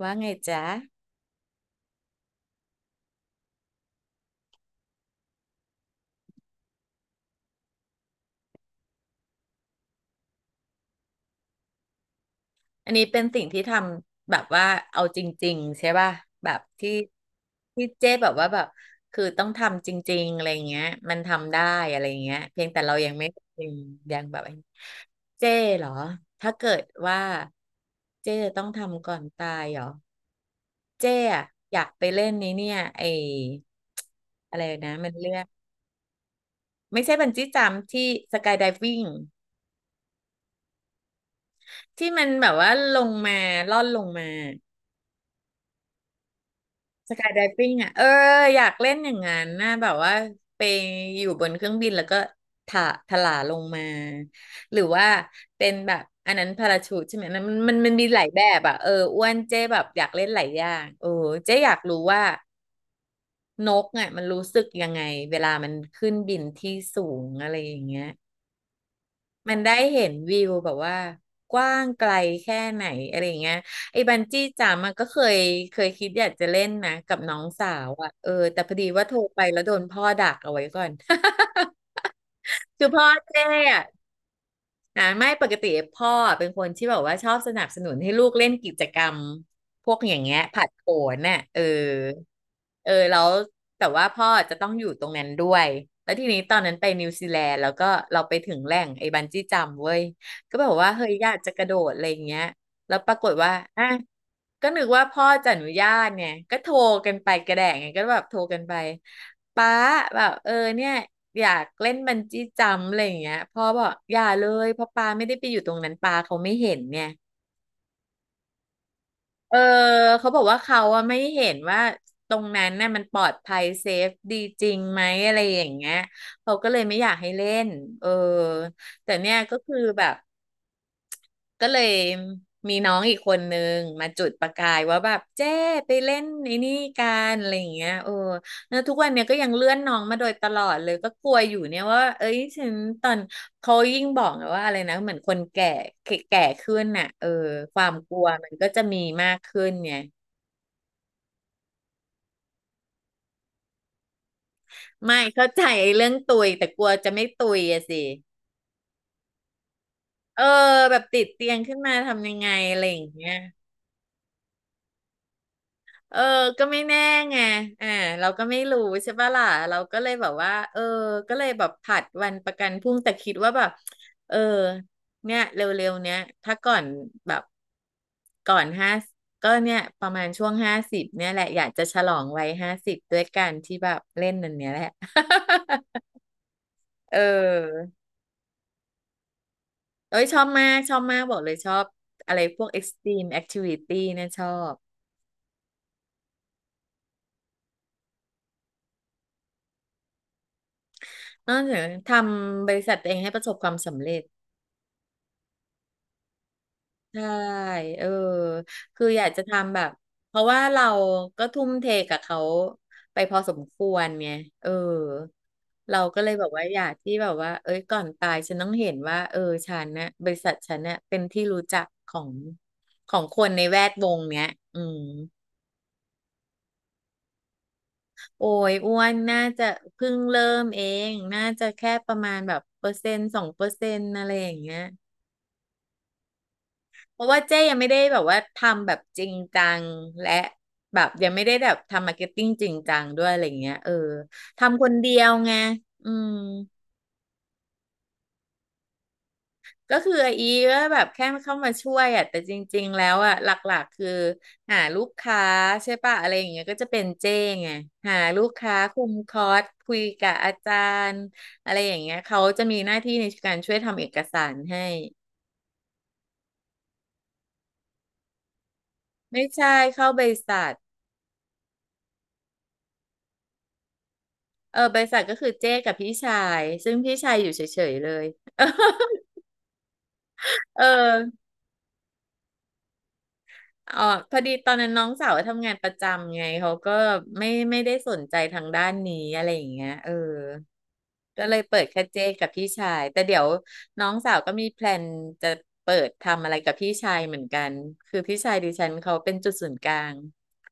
ว่าไงจ๊ะอันนี้เป็นสิ่งที่ทำแบบว่าเอาจริงๆใช่ป่ะแบบที่เจ๊แบบว่าแบบคือต้องทำจริงๆอะไรเงี้ยมันทำได้อะไรเงี้ยเพียงแต่เรายังยังแบบไอ้เจ๊เหรอถ้าเกิดว่าเจ๊จะต้องทำก่อนตายเหรอเจ๊อะอยากไปเล่นนี้เนี่ยไออะไรนะมันเรียกไม่ใช่บันจี้จัมพ์ที่สกายไดวิ่งที่มันแบบว่าลงมาล่อนลงมา สกายไดฟิ่งอ่ะเอออยากเล่นอย่างนั้นนะแบบว่าไปอยู่บนเครื่องบินแล้วก็ถะถลาลงมาหรือว่าเป็นแบบอันนั้นพาราชูทใช่ไหมนั้นมันมีหลายแบบอ่ะเอออ้วนเจ๊แบบอยากเล่นหลายอย่างโอ้เจ๊อยากรู้ว่านกอ่ะมันรู้สึกยังไงเวลามันขึ้นบินที่สูงอะไรอย่างเงี้ย มันได้เห็นวิวแบบว่ากว้างไกลแค่ไหนอะไรอย่างเงี้ยไอ้บันจี้จัมป์อะก็เคยคิดอยากจะเล่นนะกับน้องสาวอะเออแต่พอดีว่าโทรไปแล้วโดนพ่อดักเอาไว้ก่อน คือพ่อเจ๊อะ อ่าไม่ปกติพ่อเป็นคนที่แบบว่าชอบสนับสนุนให้ลูกเล่นกิจกรรมพวกอย่างเงี้ยผลัดโผนน่ะเออเออแล้วแต่ว่าพ่อจะต้องอยู่ตรงนั้นด้วยแล้วทีนี้ตอนนั้นไปนิวซีแลนด์แล้วก็เราไปถึงแหล่งไอ้บันจี้จัมป์เว้ยก็แบบว่าเฮ้ยอยากจะกระโดดอะไรอย่างเงี้ยแล้วปรากฏว่าอ่ะ ก็นึกว่าพ่อจะอนุญาตเนี่ยก็โทรกันไปกระแดงไงก็แบบโทรกันไปป้าแบบเออเนี่ยอยากเล่นบันจี้จัมป์อะไรอย่างเงี้ยพ่อบอกอย่าเลยเพราะป้าไม่ได้ไปอยู่ตรงนั้นป้าเขาไม่เห็นเนี่ยเออเขาบอกว่าเขาอะไม่เห็นว่าตรงนั้นน่ะมันปลอดภัยเซฟดีจริงไหมอะไรอย่างเงี้ยเขาก็เลยไม่อยากให้เล่นเออแต่เนี่ยก็คือแบบ ก็เลยมีน้องอีกคนนึงมาจุดประกายว่าแบบเจ้ไปเล่นไอ้นี่กันอะไรอย่างเงี้ยเออแล้วทุกวันเนี้ยก็ยังเลื่อนน้องมาโดยตลอดเลยก็กลัวอยู่เนี่ยว่าเอ้ยฉันตอนเขายิ่งบอกว่าอะไรนะเหมือนคนแก่แก่แกขึ้นน่ะเออความกลัวมันก็จะมีมากขึ้นไงไม่เข้าใจไอ้เรื่องตุยแต่กลัวจะไม่ตุยอะสิเออแบบติดเตียงขึ้นมาทำยังไงอะไรอย่างเงี้ย เออก็ไม่แน่ไงอ่าเราก็ไม่รู้ใช่ปะล่ะเราก็เลยแบบว่าเออก็เลยแบบผัดวันประกันพรุ่งแต่คิดว่าแบบเออเนี่ยเร็วๆเนี้ยถ้าก่อนแบบก่อนห้าก็เนี่ยประมาณช่วงห้าสิบเนี่ยแหละอยากจะฉลองวัยห้าสิบด้วยการที่แบบเล่นนันเนี้ยแหละ เออเอ้ยชอบมากชอบมากบอกเลยชอบอะไรพวก extreme activity เนี่ยชอบนอกจากทำบริษัทตัวเองให้ประสบความสำเร็จ ใช่เออคืออยากจะทำแบบเพราะว่าเราก็ทุ่มเทกับเขาไปพอสมควรไงเออเราก็เลยแบบว่าอยากที่แบบว่าเอ้ยก่อนตายฉันต้องเห็นว่าเออฉันนะบริษัทฉันเนี่ยเป็นที่รู้จักของคนในแวดวงเนี้ยอืมโอ้ยอ้วนน่าจะเพิ่งเริ่มเองน่าจะแค่ประมาณแบบเปอร์เซ็นต์สองเปอร์เซ็นต์อะไรอย่างเงี้ย เพราะว่าเจ๊ยังไม่ได้แบบว่าทำแบบจริงจังและแบบยังไม่ได้แบบทำมาร์เก็ตติ้งจริงจังด้วยอะไรเงี้ยเออทำคนเดียวไงอืมก็คือไออีก็แบบแค่เข้ามาช่วยอ่ะแต่จริงๆแล้วอ่ะหลักๆคือหาลูกค้าใช่ปะอะไรอย่างเงี้ยก็จะเป็นเจ้ไงหาลูกค้าคุมคอร์สคุยกับอาจารย์อะไรอย่างเงี้ยเขาจะมีหน้าที่ในการช่วยทำเอกสารให้ไม่ใช่เข้าบริษัท เออใบริษัทก็คือเจ้กับพี่ชาย ซึ่งพี่ชายอยู่เฉยๆเลย เอออ๋อพอดีตอนนั้นน้องสาวทำงานประจำไงเขาก็ไม่ได้สนใจทางด้านนี้อะไรอย่างเงี้ยเออก็เลยเปิดแค่เจ้กับพี่ชายแต่เดี๋ยวน้องสาวก็มีแพลนจะเปิดทำอะไรกับพี่ชายเหมือนกันคือพี่ชายดิฉันเขาเป็นจุดศูนย์กลาง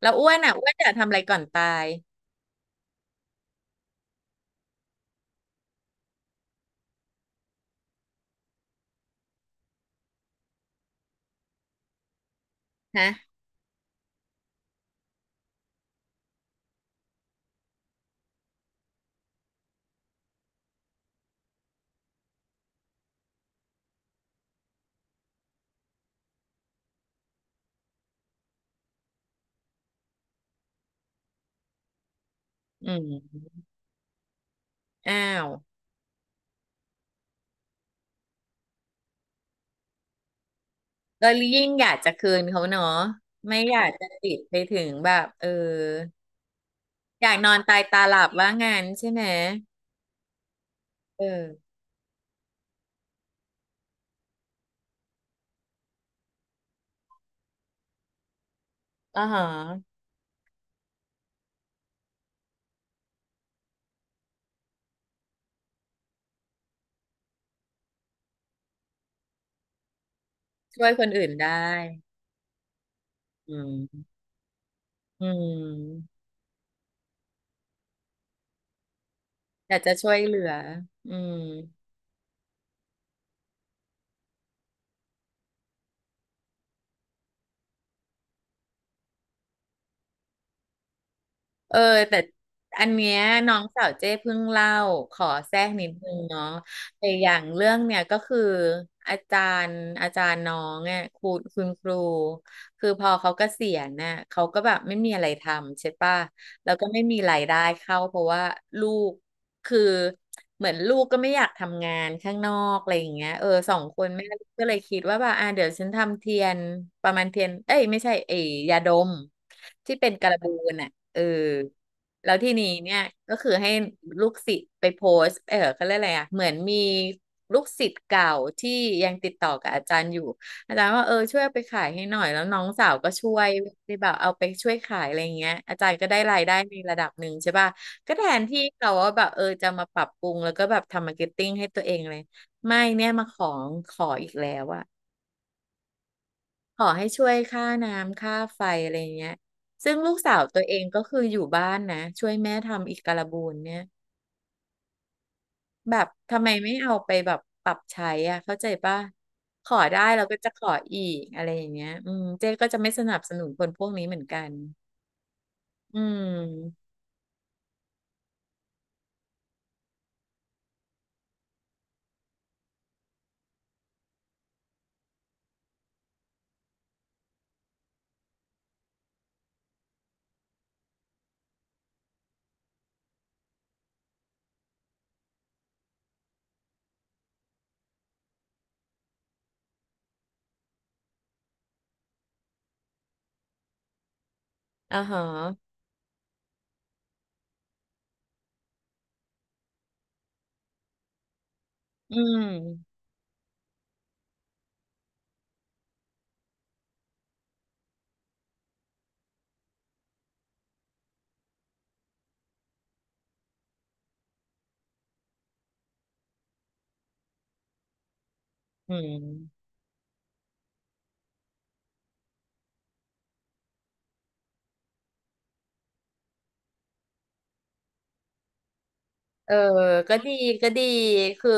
แล้วอ้วนอ่ะอ้วนจะทำอะไรก่อนตายฮะอืมอ้าว เรายิ่งอยากจะคืนเขาเนาะไม่อยากจะติดไปถึงแบบอยากนอนตายตาหลับว่างั้นใช่ไหมเอออ่าฮะช่วยคนอื่นได้อืมอืมอยากจะช่วยเหลืออืม เออแต่อันเนี้ยน้องสาวเจ้เพิ่งเล่าขอแทรกนิดนึงเนาะแต่อย่างเรื่องเนี่ยก็คืออาจาอาจารย์น้องเนี่ยคุณครูคือพอเขาเกษียณน่ะเขาก็แบบไม่มีอะไรทำใช่ป่ะแล้วก็ไม่มีรายได้เข้าเพราะว่าลูก คือเหมือนลูกก็ไม่อยากทำงานข้างนอกอะไรอย่างเงี้ยเออสองคนแม่ลูกก็เลยคิดว่าแบบอ่าเดี๋ยวฉันทำเทียนประมาณเทียนเอ้ยไม่ใช่เอยยาดมที่เป็นการบูนอ่ะเออแล้วทีนี้เนี่ยก็คือให้ลูกศิษย์ไปโพสต์เขาเรียกอะไรอ่ะเหมือนมีลูกศิษย์เก่าที่ยังติดต่อกับอาจารย์อยู่อาจารย์ว่าเออช่วยเอาไปขายให้หน่อยแล้วน้องสาวก็ช่วยได้แบบเอาไปช่วยขายอะไรอย่างเงี้ยอาจารย์ก็ได้รายได้ในระดับหนึ่งใช่ป่ะ ก็แทนที่เราว่าแบบเออจะมาปรับปรุงแล้วก็แบบทำมาร์เก็ตติ้งให้ตัวเองเลยไม่เนี่ยมาของขออีกแล้วอะขอให้ช่วยค่าน้ำค่าไฟอะไรเงี้ยซึ่งลูกสาวตัวเองก็คืออยู่บ้านนะช่วยแม่ทำอีกการบูนเนี่ยแบบทำไมไม่เอาไปแบบปรับใช้อ่ะเข้าใจป่ะขอได้เราก็จะขออีกอะไรอย่างเงี้ยอืมเจ๊ก็จะไม่สนับสนุนคนพวกนี้เหมือนกันอืมอ่าฮะอืมอืม เออ ก็ดี ก็ดี คือ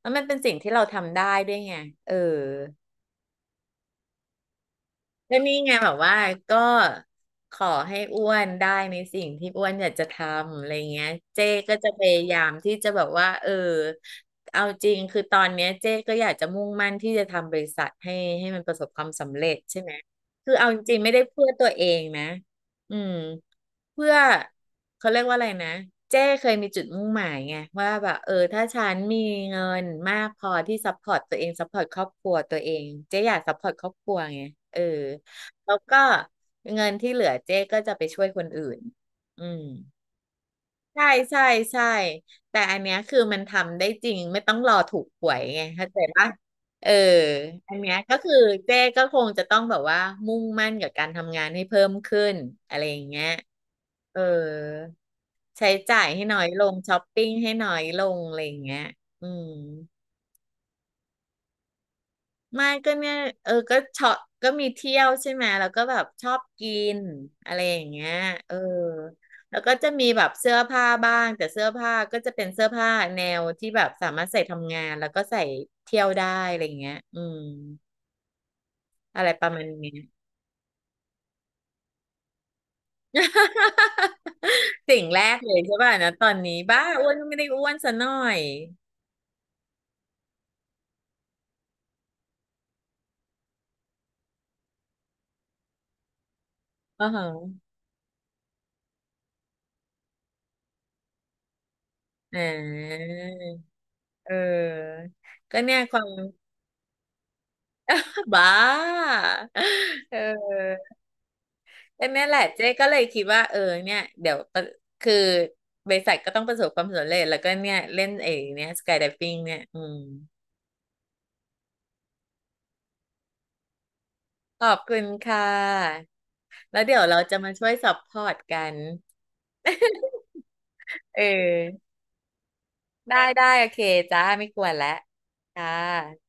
แล้วมันเป็นสิ่งที่เราทำได้ด้วยไงเออ ก็นี่ไงแบบว่าก็ขอให้อ้วนได้ในสิ่งที่อ้วนอยากจะทำอะไรเงี้ยเจ๊ก็จะพยายามที่จะแบบว่าเออเอาจริงคือตอนเนี้ยเจ๊ก็อยากจะมุ่งมั่นที่จะทำบริษัทให้มันประสบความสำเร็จใช่ไหมคือเอาจริงไม่ได้เพื่อตัวเองนะอืมเพื่อเขาเรียกว่าอะไรนะเจ้เคยมีจุดมุ่งหมายไงว่าแบบเออถ้าฉันมีเงินมากพอที่ซัพพอร์ตตัวเองซัพพอร์ตครอบครัวตัวเองเจ๊อยากซัพพอร์ตครอบครัวไงเออ แล้วก็เงินที่เหลือเจ๊ก็จะไปช่วยคนอื่นอืมใช่ใช่ใช่แต่อันเนี้ยคือมันทำได้จริงไม่ต้องรอถูกหวยไงเข้าใจปะเอออันเนี้ยก็คือเจ๊ก็คงจะต้องแบบว่ามุ่งมั่นกับการทำงานให้เพิ่มขึ้นอะไรอย่างเงี้ยเออใช้จ่ายให้น้อยลงช้อปปิ้งให้น้อยลงอะไรอย่างเงี้ยอืม ไม่ก็เนี่ยเออก็ชอบก็มีเที่ยวใช่ไหมแล้วก็แบบชอบกินอะไรอย่างเงี้ยเออแล้วก็จะมีแบบเสื้อผ้าบ้างแต่เสื้อผ้าก็จะเป็นเสื้อผ้าแนวที่แบบสามารถใส่ทำงานแล้วก็ใส่เที่ยวได้อะไรอย่างเงี้ยอืมอะไรประมาณเนี้ย สิ่งแรกเลยใช่ป่ะนะตอนนี้บ้าอ้วนก็ไม่ได้อ้วนซะหน่อยอ๋อฮะอ่าเออก็เนี่ยความ บ้า เออ แต่นั่นแหละเจ๊ก็เลยคิดว่าเออเนี่ยเดี๋ยวประคือบริษัทก็ต้องประสบความสำเร็จแล้วก็เนี่ยเล่นเองเนี่ยสกายไดฟิ่งเนี่ยอืมขอบคุณค่ะแล้วเดี๋ยวเราจะมาช่วยซัพพอร์ตกัน เออได้ได้โอเคจ้าไม่กวนแล้วค่ะ